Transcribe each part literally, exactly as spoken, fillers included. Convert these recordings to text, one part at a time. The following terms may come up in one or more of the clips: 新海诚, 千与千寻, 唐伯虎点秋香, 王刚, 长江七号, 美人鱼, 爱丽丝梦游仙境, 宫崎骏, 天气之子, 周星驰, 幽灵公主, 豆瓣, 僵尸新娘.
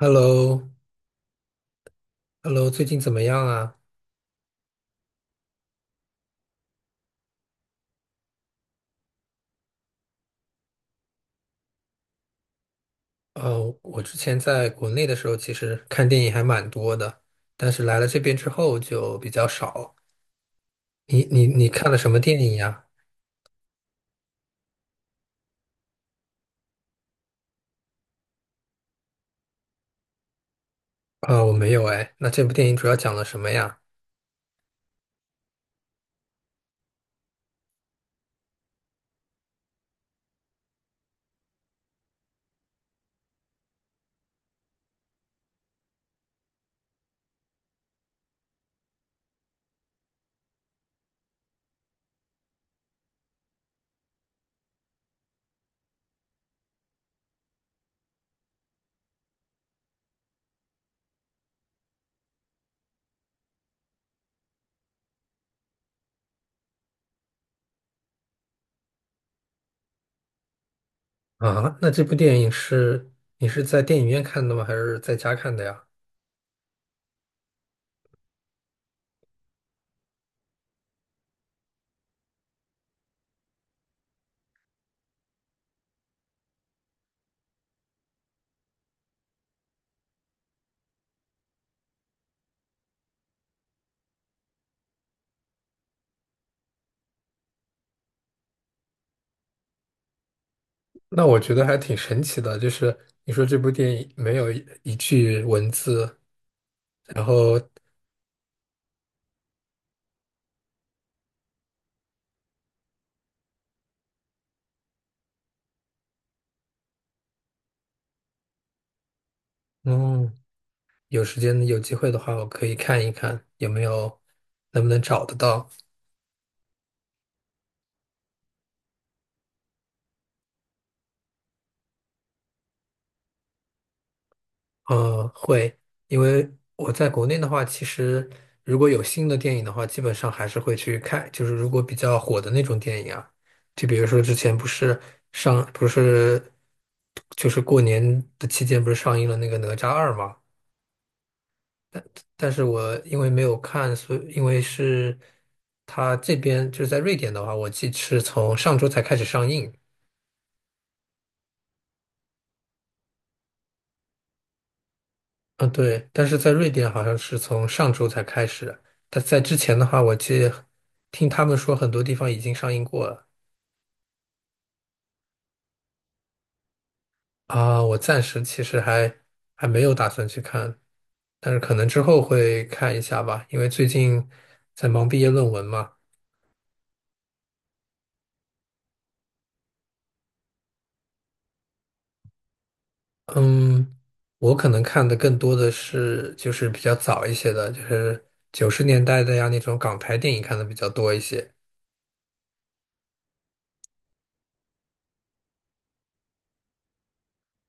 h e l l o h e l l o 最近怎么样啊？呃，我之前在国内的时候，其实看电影还蛮多的，但是来了这边之后就比较少。你你你看了什么电影呀？啊，我没有哎。那这部电影主要讲了什么呀？啊，那这部电影是你是在电影院看的吗？还是在家看的呀？那我觉得还挺神奇的，就是你说这部电影没有一一句文字，然后，嗯。有时间有机会的话，我可以看一看有没有能不能找得到。嗯，会，因为我在国内的话，其实如果有新的电影的话，基本上还是会去看。就是如果比较火的那种电影啊，就比如说之前不是上，不是就是过年的期间不是上映了那个《哪吒二》嘛？但是我因为没有看，所以因为是它这边就是在瑞典的话，我记是从上周才开始上映。嗯，对，但是在瑞典好像是从上周才开始，但在之前的话，我记听他们说很多地方已经上映过了。啊，我暂时其实还还没有打算去看，但是可能之后会看一下吧，因为最近在忙毕业论文嘛。嗯，我可能看的更多的是就是比较早一些的，就是九十年代的呀那种港台电影看的比较多一些。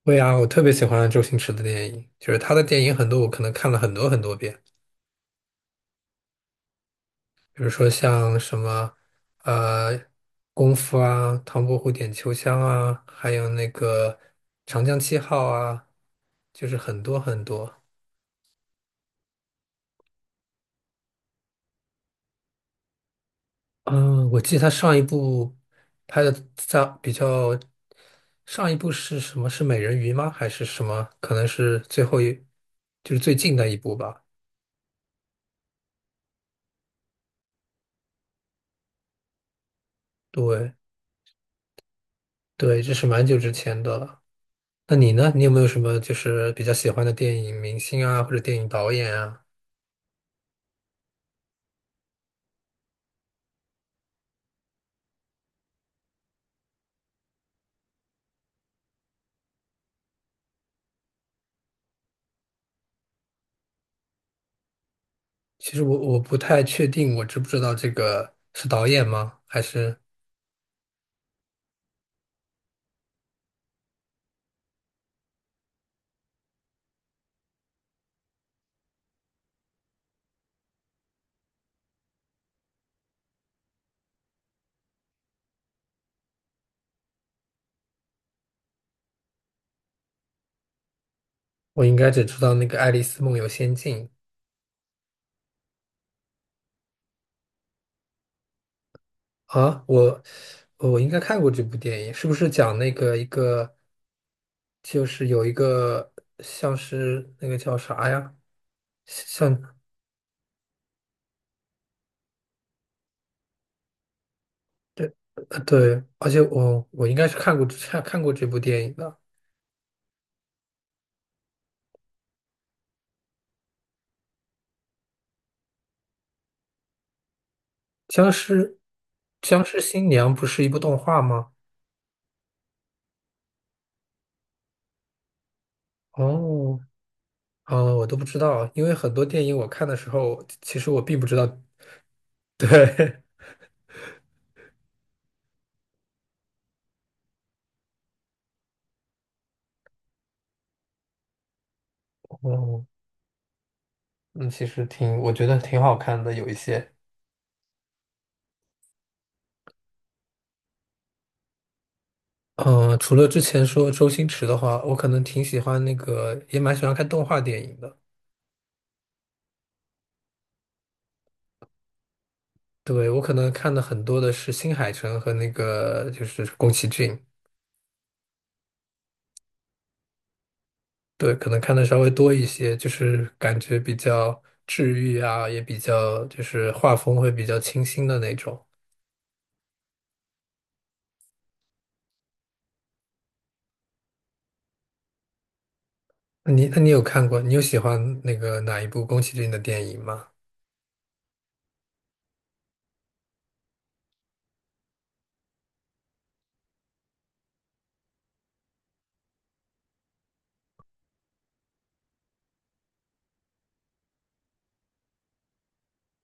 对啊，我特别喜欢周星驰的电影，就是他的电影很多，我可能看了很多很多遍。比如说像什么呃功夫啊、唐伯虎点秋香啊，还有那个长江七号啊，就是很多很多。嗯，我记得他上一部拍的在比较，上一部是什么？是美人鱼吗？还是什么？可能是最后一，就是最近的一部吧。对，对，这是蛮久之前的了。那你呢？你有没有什么就是比较喜欢的电影明星啊，或者电影导演啊？其实我我不太确定，我知不知道这个是导演吗？还是我应该只知道那个《爱丽丝梦游仙境》。啊？我我应该看过这部电影，是不是讲那个一个就是有一个像是那个叫啥呀？像对，呃对，而且我我应该是看过看看过这部电影的《僵尸僵尸新娘》不是一部动画吗？哦，呃，我都不知道，因为很多电影我看的时候，其实我并不知道。对。哦，嗯，其实挺，我觉得挺好看的，有一些。嗯、除了之前说周星驰的话，我可能挺喜欢那个，也蛮喜欢看动画电影的。对，我可能看的很多的是新海诚和那个就是宫崎骏，对，可能看的稍微多一些，就是感觉比较治愈啊，也比较就是画风会比较清新的那种。你那你有看过？你有喜欢那个哪一部宫崎骏的电影吗？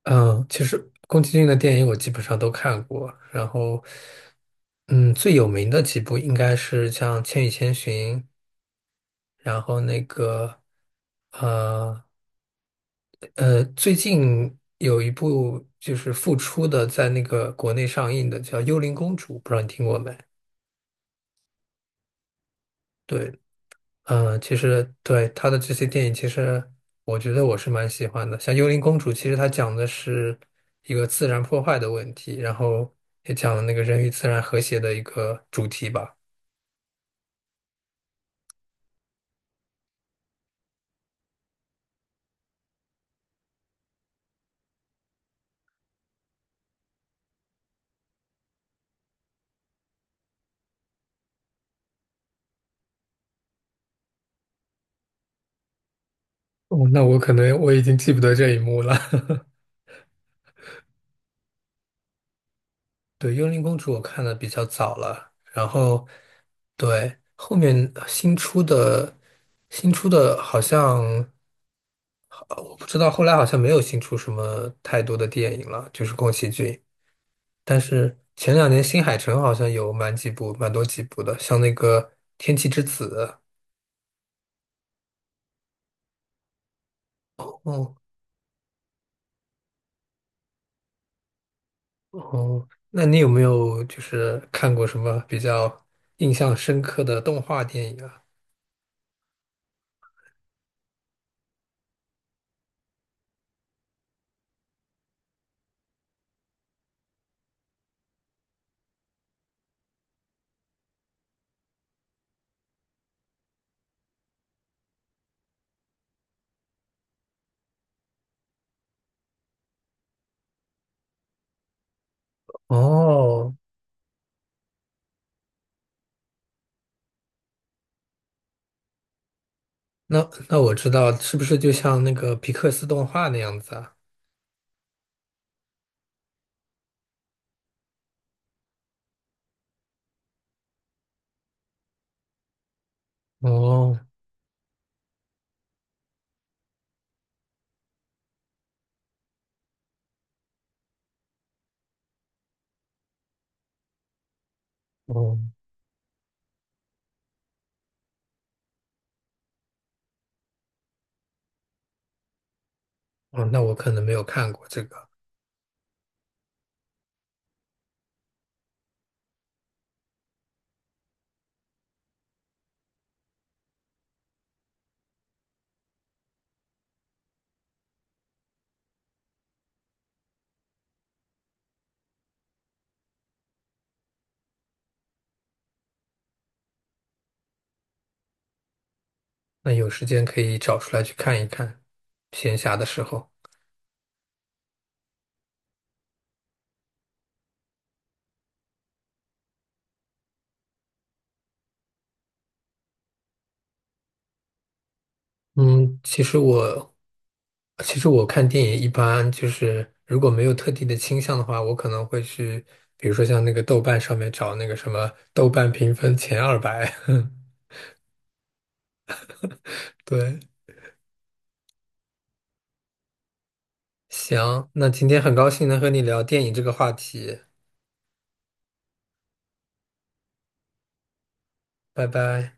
嗯，其实宫崎骏的电影我基本上都看过，然后，嗯，最有名的几部应该是像《千与千寻》，然后那个，呃呃，最近有一部就是复出的，在那个国内上映的叫《幽灵公主》，不知道你听过没？对，嗯，其实对他的这些电影，其实我觉得我是蛮喜欢的。像《幽灵公主》，其实它讲的是一个自然破坏的问题，然后也讲了那个人与自然和谐的一个主题吧。哦，那我可能我已经记不得这一幕了。对，《幽灵公主》我看的比较早了，然后对后面新出的新出的好像好我不知道，后来好像没有新出什么太多的电影了，就是宫崎骏。但是前两年新海诚好像有蛮几部、蛮多几部的，像那个《天气之子》。哦，哦，那你有没有就是看过什么比较印象深刻的动画电影啊？哦，那那我知道，是不是就像那个皮克斯动画那样子啊？哦哦哦，那我可能没有看过这个，那有时间可以找出来去看一看，闲暇的时候。嗯，其实我其实我看电影一般就是如果没有特定的倾向的话，我可能会去，比如说像那个豆瓣上面找那个什么豆瓣评分前两百。对，行，那今天很高兴能和你聊电影这个话题，拜拜。